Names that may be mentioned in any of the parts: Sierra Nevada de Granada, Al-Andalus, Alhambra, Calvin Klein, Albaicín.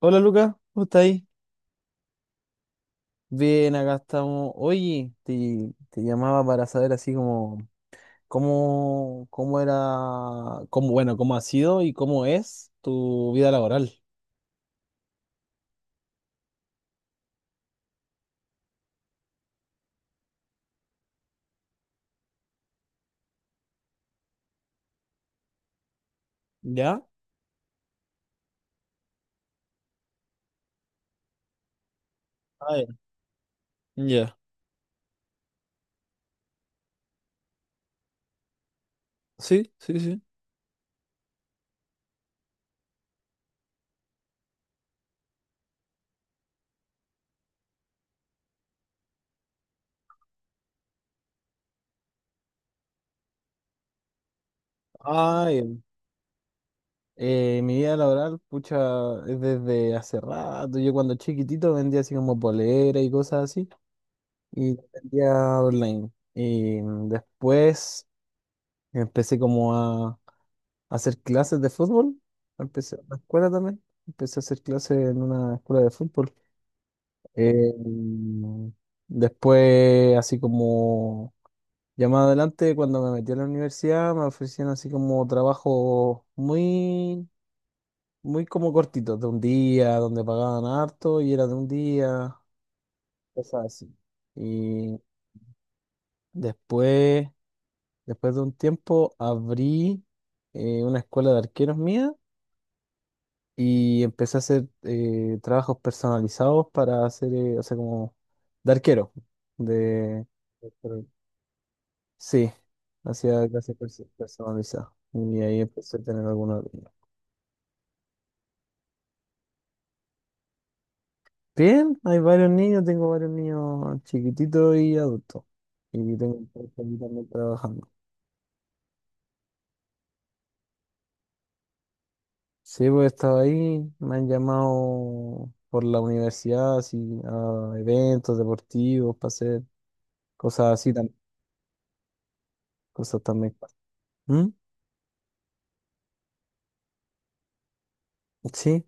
Hola Lucas, ¿cómo estás ahí? Bien, acá estamos. Oye, te llamaba para saber así como cómo, cómo era, bueno, cómo ha sido y cómo es tu vida laboral. ¿Ya? Ah, ya. Ya. Sí, sí, sí. Ah, ya. Mi vida laboral, pucha, es desde hace rato. Yo cuando chiquitito vendía así como polera y cosas así. Y vendía online. Y después empecé como a hacer clases de fútbol. Empecé en la escuela también. Empecé a hacer clases en una escuela de fútbol. Eh, después, así como ya más adelante, cuando me metí a la universidad, me ofrecían así como trabajos muy como cortitos, de un día, donde pagaban harto y era de un día, cosas así. Y después, después de un tiempo, abrí una escuela de arqueros mía y empecé a hacer trabajos personalizados para hacer, o sea, como de arquero. De, Pero- sí, hacía clases personalizadas. Y ahí empecé a tener algunos niños. Bien, hay varios niños, tengo varios niños chiquititos y adultos. Y tengo un par que también trabajando. Sí, pues he estado ahí, me han llamado por la universidad, así, a eventos deportivos, para hacer cosas así, cosas también. ¿Mm? Sí.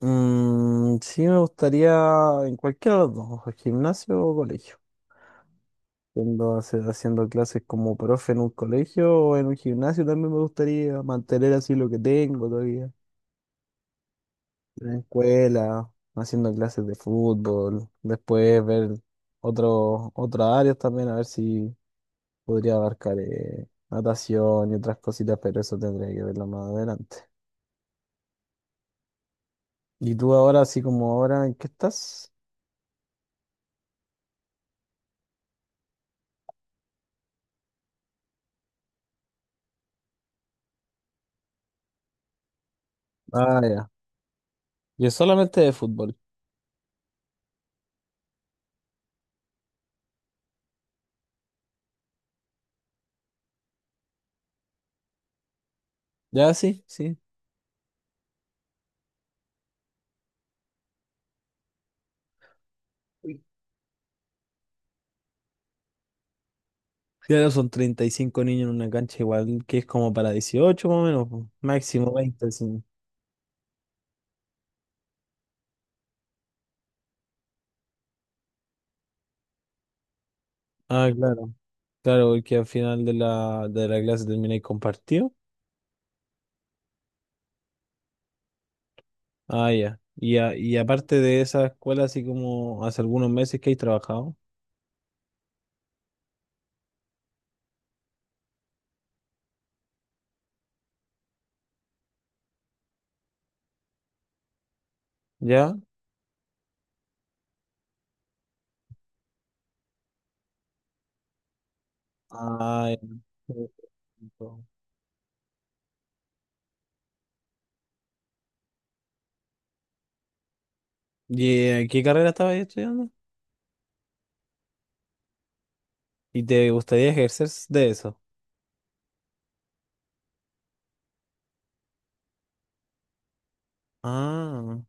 Mm, sí, me gustaría en cualquiera de los dos, o gimnasio o colegio. Siendo, haciendo clases como profe en un colegio o en un gimnasio también me gustaría mantener así lo que tengo todavía. En la escuela, haciendo clases de fútbol, después ver otros otras áreas también, a ver si podría abarcar natación y otras cositas, pero eso tendría que verlo más adelante. ¿Y tú ahora, así como ahora, en qué estás? Ah, ya. Yo solamente de fútbol. Ya, sí, sí. Claro, son 35 niños en una cancha igual que es como para 18 más o menos, po. Máximo 20, sí. Ah, claro, claro, porque al final de la clase termináis compartido. Ah, ya. Y, y aparte de esa escuela, así como hace algunos meses que he trabajado, ¿ya? Ah, ya. Y ¿qué carrera estabas estudiando? ¿Y te gustaría ejercer de eso? Ah,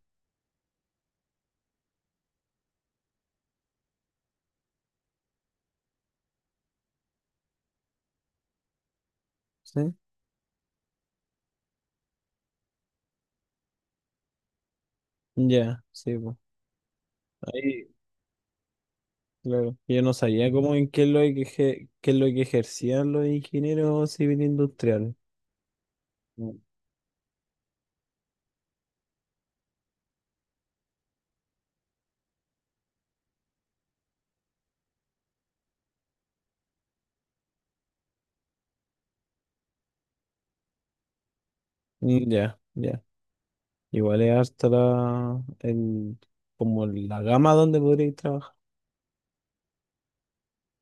sí. Ya, sí, pues. Claro. Yo no sabía cómo en qué es lo que, qué es lo que ejercían los ingenieros civiles industriales. Mm. Mm, ya, ya. Igual es harta como la gama donde podríais trabajar.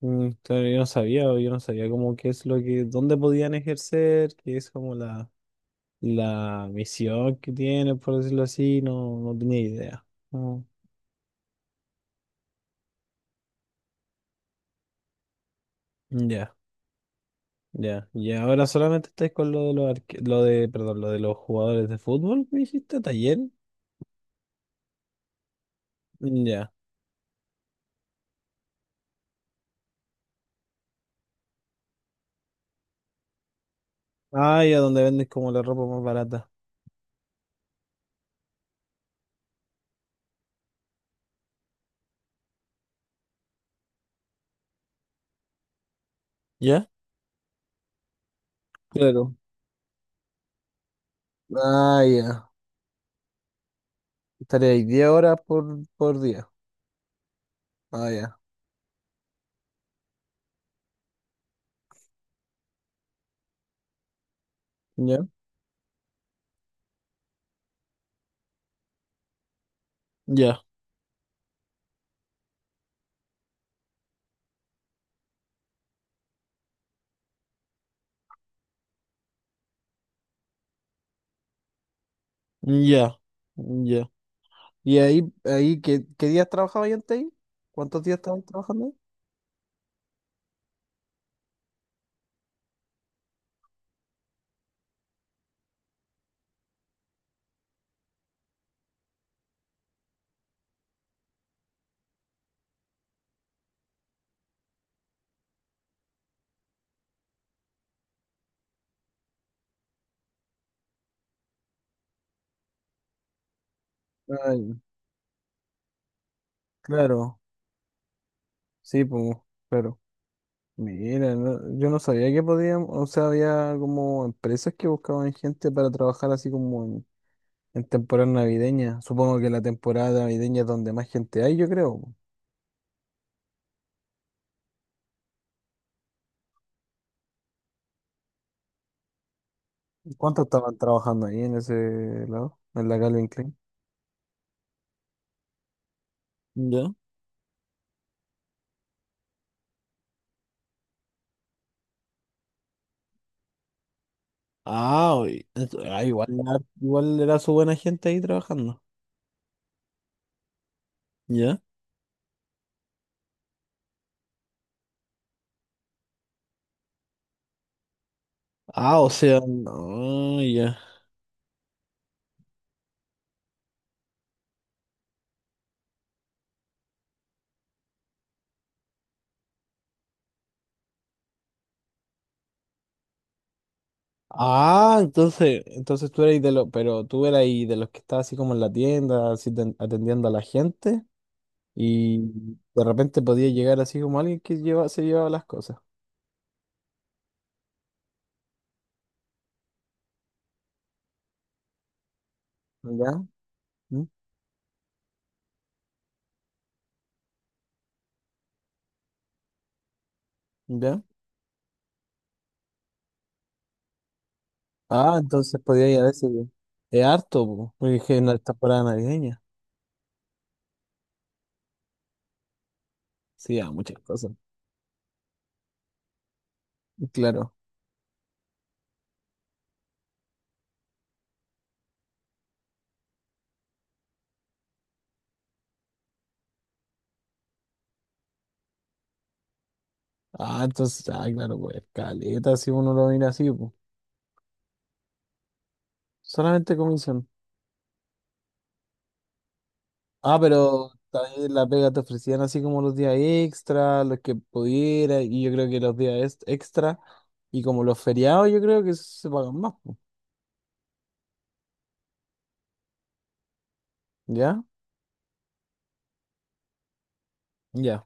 Mm, claro, yo no sabía cómo qué es lo que, dónde podían ejercer, qué es como la misión que tienen, por decirlo así, no, no tenía idea. Mm, ya, ya. Y ahora solamente estáis con lo de los perdón, lo de los jugadores de fútbol, me dijiste, taller. Ya. Ah, ya, donde venden como la ropa más barata. ¿Ya? Claro. Ah, ya. Estaría ahí 10 horas por día. Ah, ya. Ya. Ya. Ya. Ya. ¿Y ahí qué, qué días trabajaba yo antes ahí? ¿Cuántos días estabas trabajando ahí? Ah, claro. Sí, pues, claro. Mira, yo no sabía que podían, o sea, había como empresas que buscaban gente para trabajar así como en temporada navideña. Supongo que la temporada navideña es donde más gente hay, yo creo. ¿Cuánto estaban trabajando ahí en ese lado? En la Calvin Klein. ¿Ya? Ah, ah, igual, igual era su buena gente ahí trabajando. ¿Ya? Ah, o sea, no, ya. Ah, entonces tú eras de los, pero tú eras ahí de los que estaba así como en la tienda, así atendiendo a la gente, y de repente podía llegar así como alguien que lleva, se llevaba las cosas. ¿Ya? ¿Mm? ¿Ya? Ah, entonces podía ir a veces. Es harto, po, porque es que no está fuera navideña. Sí, a muchas cosas. Claro. Ah, claro, pues, caleta, si uno lo mira así, pues. Solamente comisión. Ah, pero también la pega te ofrecían así como los días extra, los que pudiera, y yo creo que los días extra, y como los feriados, yo creo que se pagan más, pues. ¿Ya? Ya.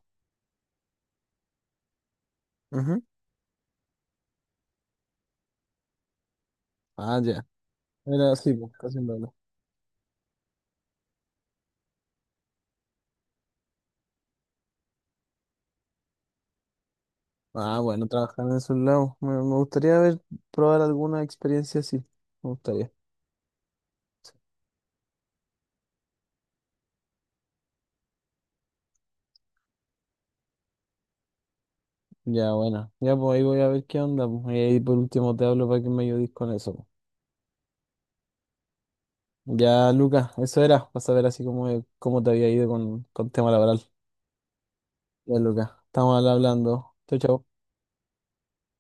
Ujú. Ah, ya. Era así, pues, casi un doble. Ah, bueno, trabajar en esos lados. Me gustaría ver, probar alguna experiencia así. Me gustaría. Ya, bueno. Ya, pues ahí voy a ver qué onda, pues. Y ahí por último te hablo para que me ayudes con eso, pues. Ya, Lucas, eso era, para saber así cómo te había ido con tema laboral. Ya, Lucas, estamos hablando. Chau, chau.